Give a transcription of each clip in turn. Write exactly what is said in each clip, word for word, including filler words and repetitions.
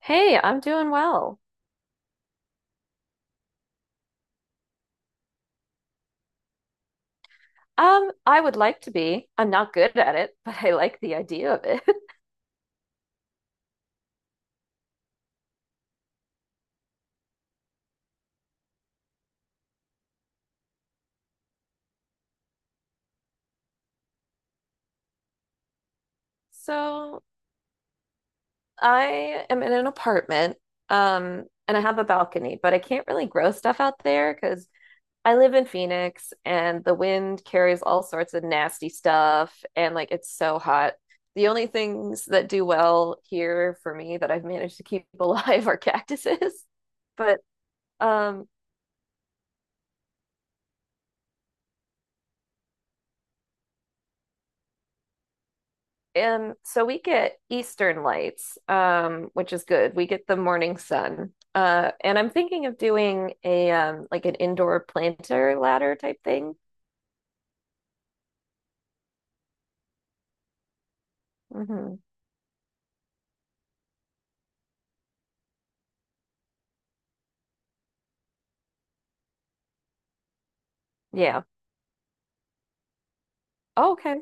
Hey, I'm doing well. Um, I would like to be. I'm not good at it, but I like the idea of it. So I am in an apartment, um, and I have a balcony, but I can't really grow stuff out there because I live in Phoenix and the wind carries all sorts of nasty stuff, and like it's so hot. The only things that do well here for me that I've managed to keep alive are cactuses. But um, Um, so we get Eastern lights, um, which is good. We get the morning sun. Uh, and I'm thinking of doing a um like an indoor planter ladder type thing. Hmm. Yeah. Oh, okay.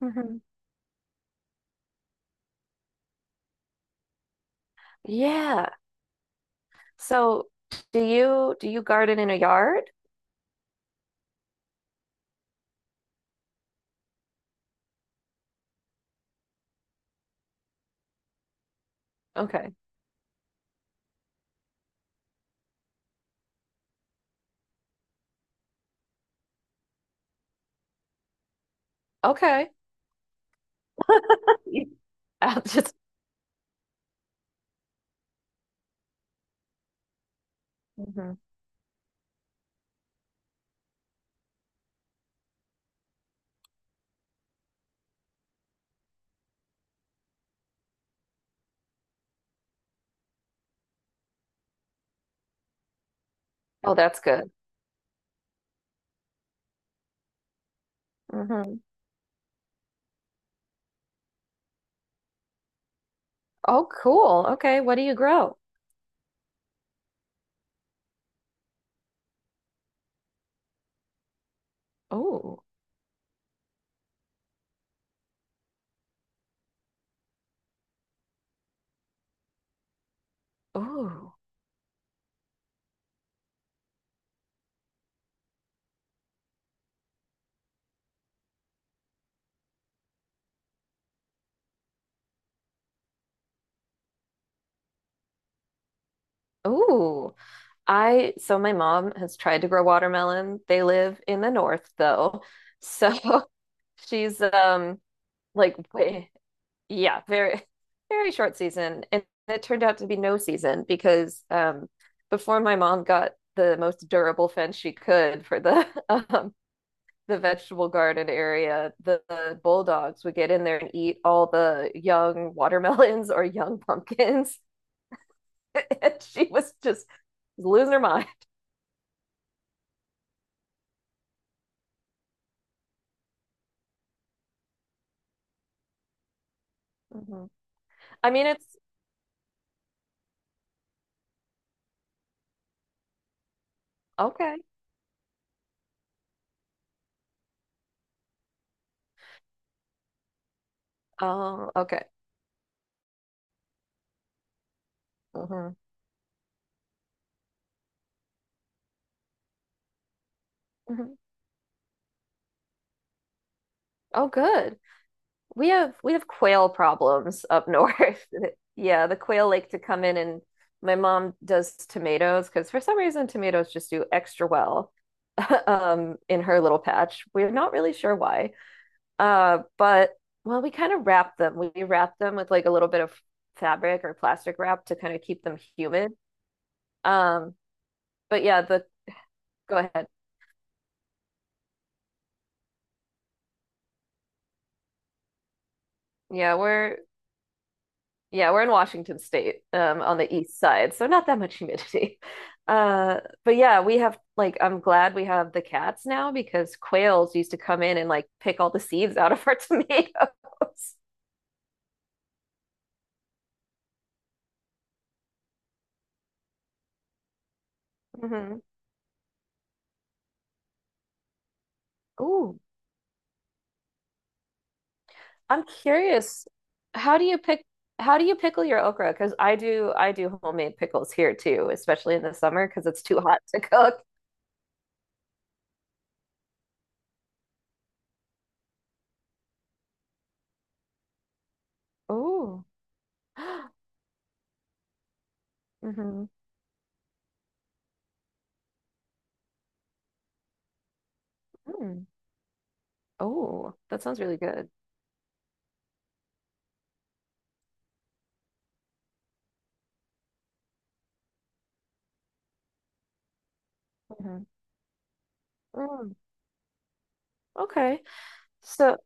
Hmm. Yeah. So do you do you garden in a yard? Okay. Okay. I'll just Mhm. Oh, that's good. Hmm. Oh, cool. Okay. What do you grow? Oh, oh, oh. I so my mom has tried to grow watermelon. They live in the north though. So she's um like way yeah, very very short season. And it turned out to be no season because um before my mom got the most durable fence she could for the um the vegetable garden area, the, the bulldogs would get in there and eat all the young watermelons or young pumpkins. And she was just losing her mind. Mhm. I mean, it's Okay. Oh, okay. Hmm. Hmm. Oh, good. We have we have quail problems up north. Yeah, the quail like to come in and my mom does tomatoes because for some reason tomatoes just do extra well um in her little patch. We're not really sure why. Uh, but well, we kind of wrap them. We wrap them with like a little bit of fabric or plastic wrap to kind of keep them humid. Um, but yeah, the go ahead. Yeah, we're Yeah, we're in Washington State, um, on the east side, so not that much humidity. Uh, but yeah, we have like I'm glad we have the cats now because quails used to come in and like pick all the seeds out of our tomatoes. Hmm. Ooh, I'm curious. How do you pick how do you pickle your okra? Because I do I do homemade pickles here too, especially in the summer because it's too hot to cook. Ooh. Mm-hmm. Mm. Oh, that sounds really good. Hmm. Mm. Okay. So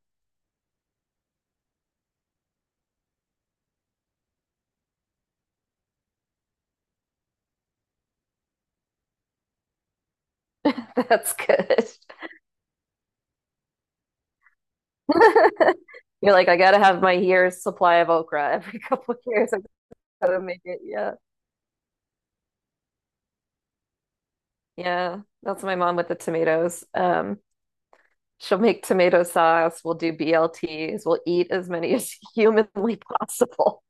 that's good. You're like, I gotta have my year's supply of okra every couple of years. I gotta make it. Yeah. Yeah. That's my mom with the tomatoes. Um, she'll make tomato sauce. We'll do B L Ts. We'll eat as many as humanly possible.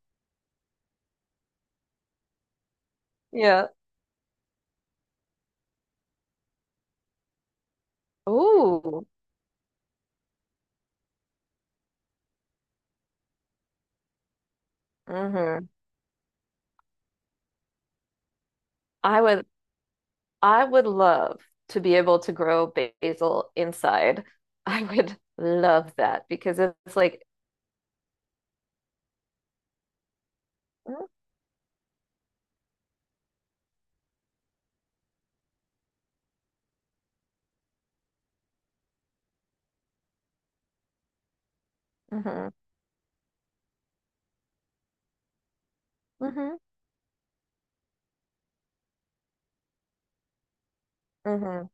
Yeah. Ooh. Hmm. I would I would love to be able to grow basil inside. I would love that because it's like mm-hmm, mm-hmm, mm-hmm.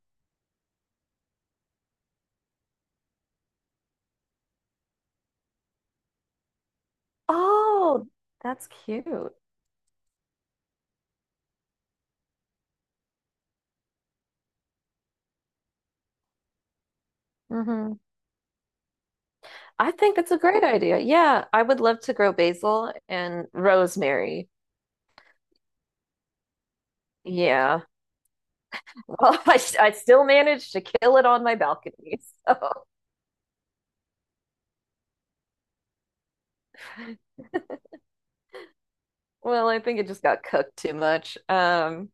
Oh, that's cute. Hmm. I think that's a great idea. Yeah, I would love to grow basil and rosemary. Yeah. Well, I, s- I still managed to kill it on my balcony. So, well, I think it just got cooked too much. Um,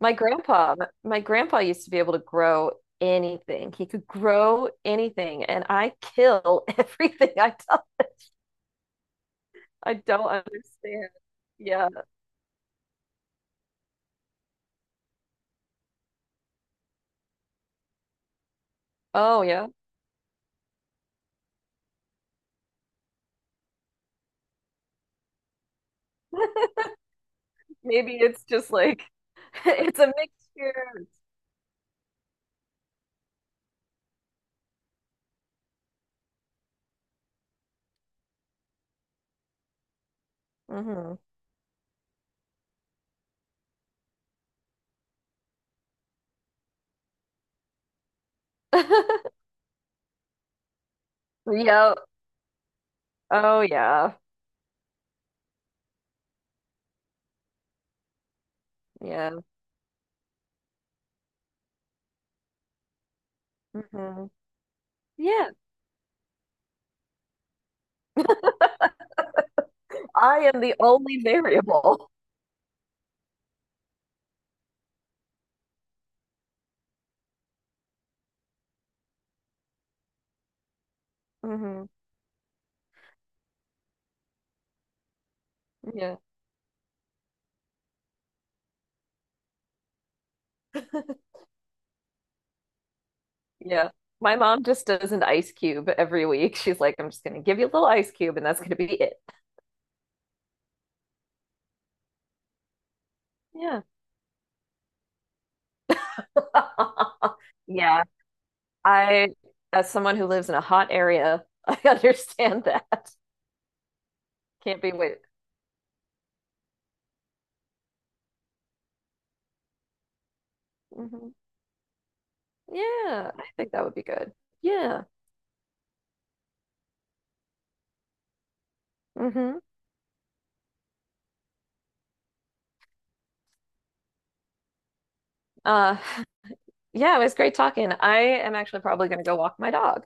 my grandpa, my grandpa used to be able to grow anything. He could grow anything, and I kill everything. I don't, I don't understand. Yeah. Oh, yeah. Maybe it's just like it's a mixture. Hmm. Yep. Oh yeah. Yeah. Hmm. Yeah. I am the only variable. Hmm. Yeah. Yeah. My mom just does an ice cube every week. She's like, I'm just gonna give you a little ice cube and that's gonna be it. Yeah. Yeah. I, as someone who lives in a hot area, I understand that. Can't be wait. Hmm. Yeah, I think that would be good. Yeah. Hmm. Uh, yeah, it was great talking. I am actually probably going to go walk my dog.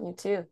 You too.